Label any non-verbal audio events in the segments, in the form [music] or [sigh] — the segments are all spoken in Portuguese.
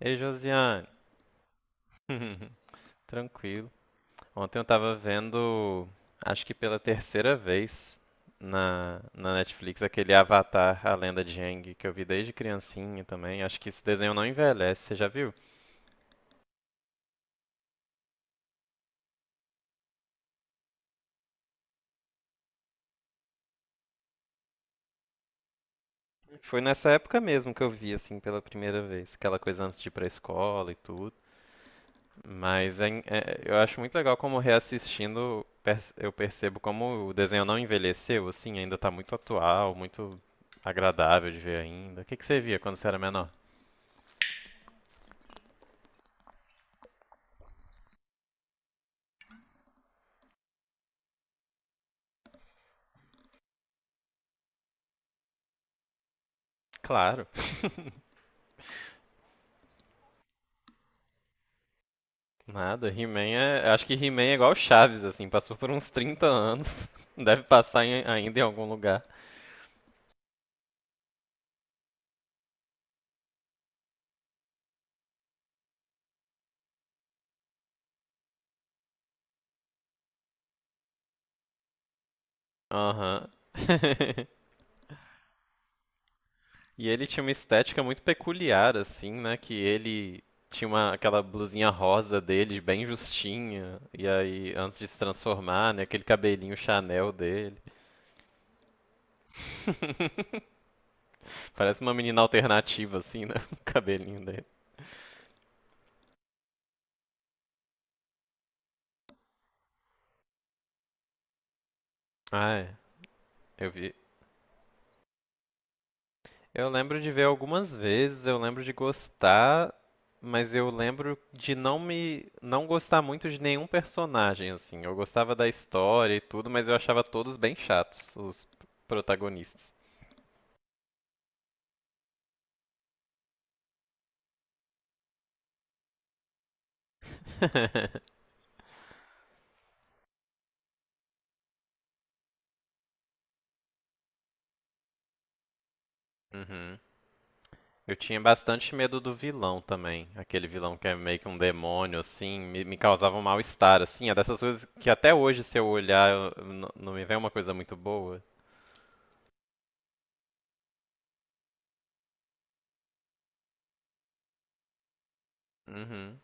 Ei, Josiane. [laughs] Tranquilo. Ontem eu tava vendo, acho que pela terceira vez na Netflix, aquele Avatar, a Lenda de Aang, que eu vi desde criancinha também. Acho que esse desenho não envelhece, você já viu? Foi nessa época mesmo que eu vi, assim, pela primeira vez. Aquela coisa antes de ir pra escola e tudo. Mas eu acho muito legal como eu percebo como o desenho não envelheceu, assim, ainda tá muito atual, muito agradável de ver ainda. O que que você via quando você era menor? Claro. [laughs] Nada, He-Man é. Eu Acho que He-Man é igual Chaves, assim, passou por uns 30 anos. [laughs] Deve passar ainda em algum lugar. Aham. [laughs] E ele tinha uma estética muito peculiar, assim, né? Que ele tinha uma, aquela blusinha rosa dele, bem justinha, e aí, antes de se transformar, né? Aquele cabelinho Chanel dele. [laughs] Parece uma menina alternativa, assim, né? [laughs] O cabelinho dele. Ah, é. Eu vi, eu lembro de ver algumas vezes, eu lembro de gostar, mas eu lembro de não gostar muito de nenhum personagem assim. Eu gostava da história e tudo, mas eu achava todos bem chatos, os protagonistas. [laughs] Uhum. Eu tinha bastante medo do vilão também, aquele vilão que é meio que um demônio assim, me causava um mal-estar assim, é dessas coisas que até hoje se eu olhar não me vem uma coisa muito boa. Uhum.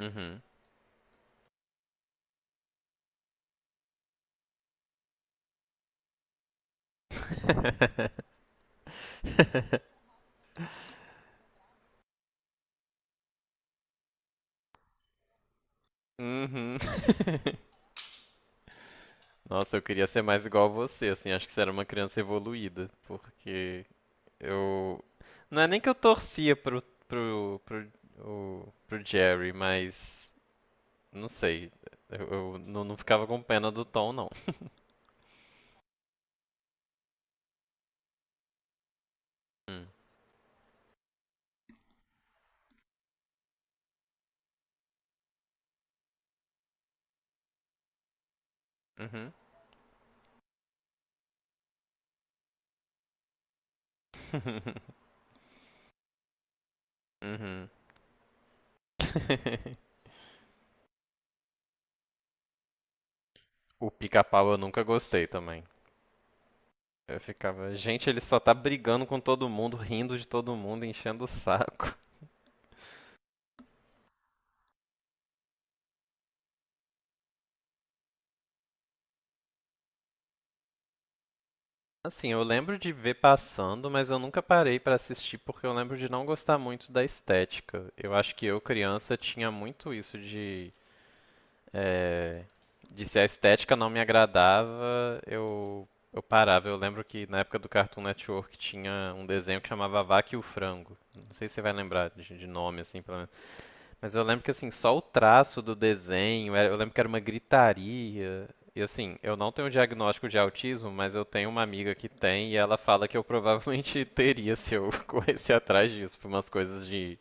Uhum. [laughs] Uhum. [laughs] Nossa, eu queria ser mais igual a você, assim, acho que você era uma criança evoluída, porque eu, não é nem que eu torcia pro pro pro Jerry, mas não sei, eu não ficava com pena do Tom não. Hum. Uhum. [laughs] Uhum. [laughs] O pica-pau eu nunca gostei também. Eu ficava, gente, ele só tá brigando com todo mundo, rindo de todo mundo, enchendo o saco. Assim, eu lembro de ver passando, mas eu nunca parei pra assistir porque eu lembro de não gostar muito da estética. Eu acho que eu, criança, tinha muito isso de, eh, de, se a estética não me agradava, eu parava. Eu lembro que na época do Cartoon Network tinha um desenho que chamava A Vaca e o Frango. Não sei se você vai lembrar de nome, assim, pelo, mas eu lembro que assim, só o traço do desenho, eu lembro que era uma gritaria. E assim, eu não tenho diagnóstico de autismo, mas eu tenho uma amiga que tem e ela fala que eu provavelmente [laughs] teria se eu [laughs] corresse atrás disso, por umas coisas de,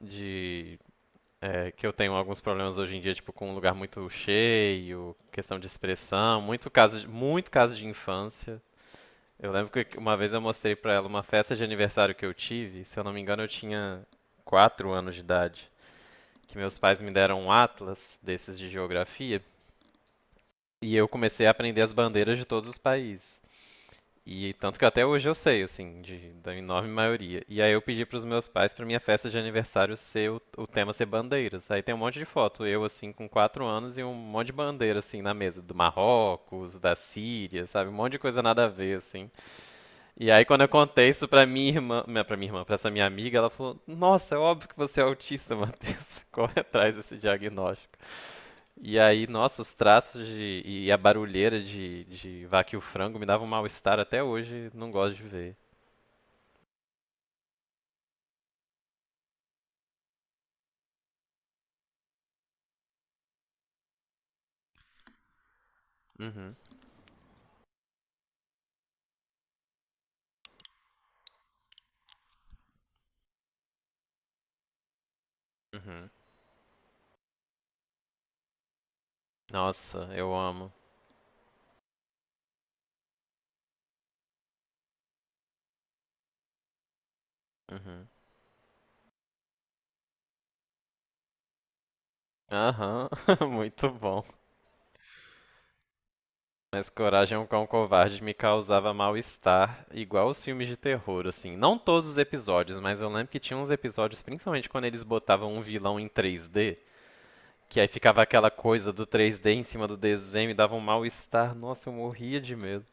de é, que eu tenho alguns problemas hoje em dia, tipo com um lugar muito cheio, questão de expressão, muito caso, muito caso de infância. Eu lembro que uma vez eu mostrei pra ela uma festa de aniversário que eu tive, se eu não me engano eu tinha quatro anos de idade, que meus pais me deram um atlas desses de geografia e eu comecei a aprender as bandeiras de todos os países. E tanto que até hoje eu sei, assim, de, da enorme maioria. E aí eu pedi pros meus pais pra minha festa de aniversário ser o tema ser bandeiras. Aí tem um monte de foto, eu assim com quatro anos e um monte de bandeira assim na mesa, do Marrocos, da Síria, sabe, um monte de coisa nada a ver assim. E aí quando eu contei isso pra minha irmã, pra essa minha amiga, ela falou: "Nossa, é óbvio que você é autista, [laughs] Matheus. Corre atrás desse diagnóstico." E aí, nossa, os traços de, e a barulheira de Vaca e o Frango me davam um mal-estar até hoje, não gosto de ver. Uhum, uhum. Nossa, eu amo. Uhum. Aham, [laughs] muito bom. Mas Coragem é um Cão Covarde me causava mal-estar, igual os filmes de terror, assim. Não todos os episódios, mas eu lembro que tinha uns episódios, principalmente quando eles botavam um vilão em 3D, que aí ficava aquela coisa do 3D em cima do desenho e dava um mal-estar. Nossa, eu morria de medo.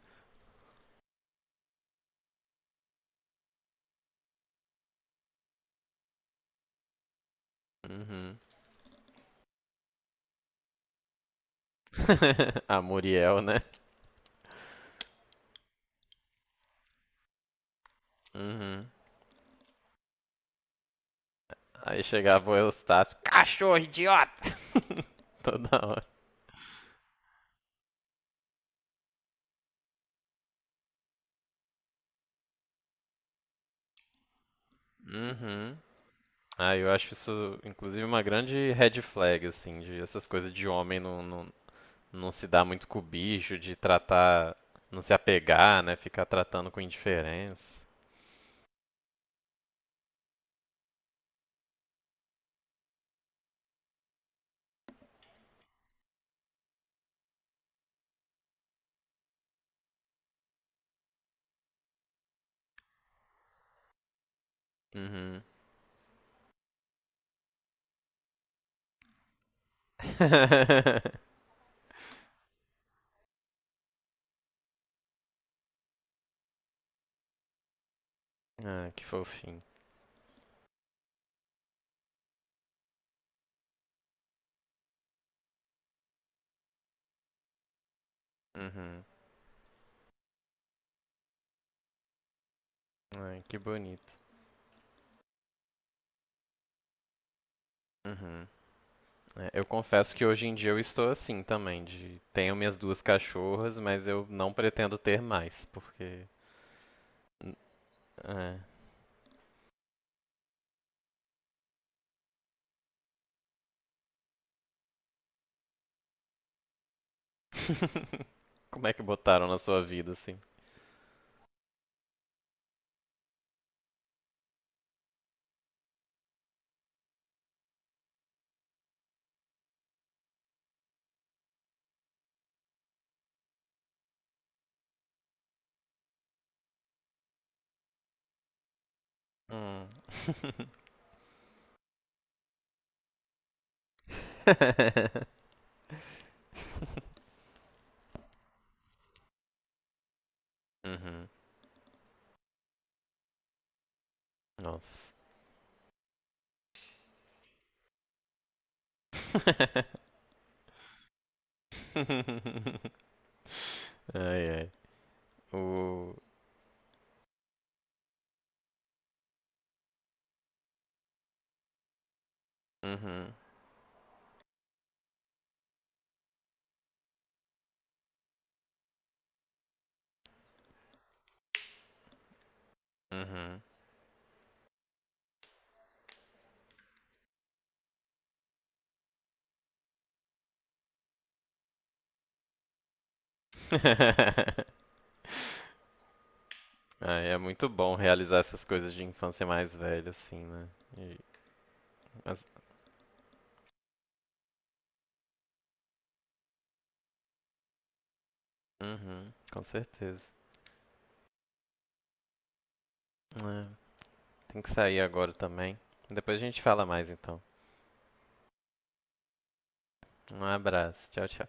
Uhum. [laughs] A Muriel, né? Uhum. Aí chegava o Eustácio, cachorro idiota! [laughs] Toda hora. Uhum. Ah, eu acho isso, inclusive, uma grande red flag, assim, de essas coisas de homem não se dar muito com o bicho, de tratar, não se apegar, né? Ficar tratando com indiferença. Uhum. [laughs] Ah, que fofinho. Uhum. Ai, que bonito. Uhum. É, eu confesso que hoje em dia eu estou assim também, de tenho minhas duas cachorras, mas eu não pretendo ter mais, porque n- é. [laughs] Como é que botaram na sua vida assim? Hum. [laughs] Uhum. Nossa. [laughs] Ai, ai. O... Uhum. Uhum. [laughs] Ai, é muito bom realizar essas coisas de infância mais velha, assim, né? E, uhum, com certeza. É, tem que sair agora também. Depois a gente fala mais então. Um abraço. Tchau, tchau.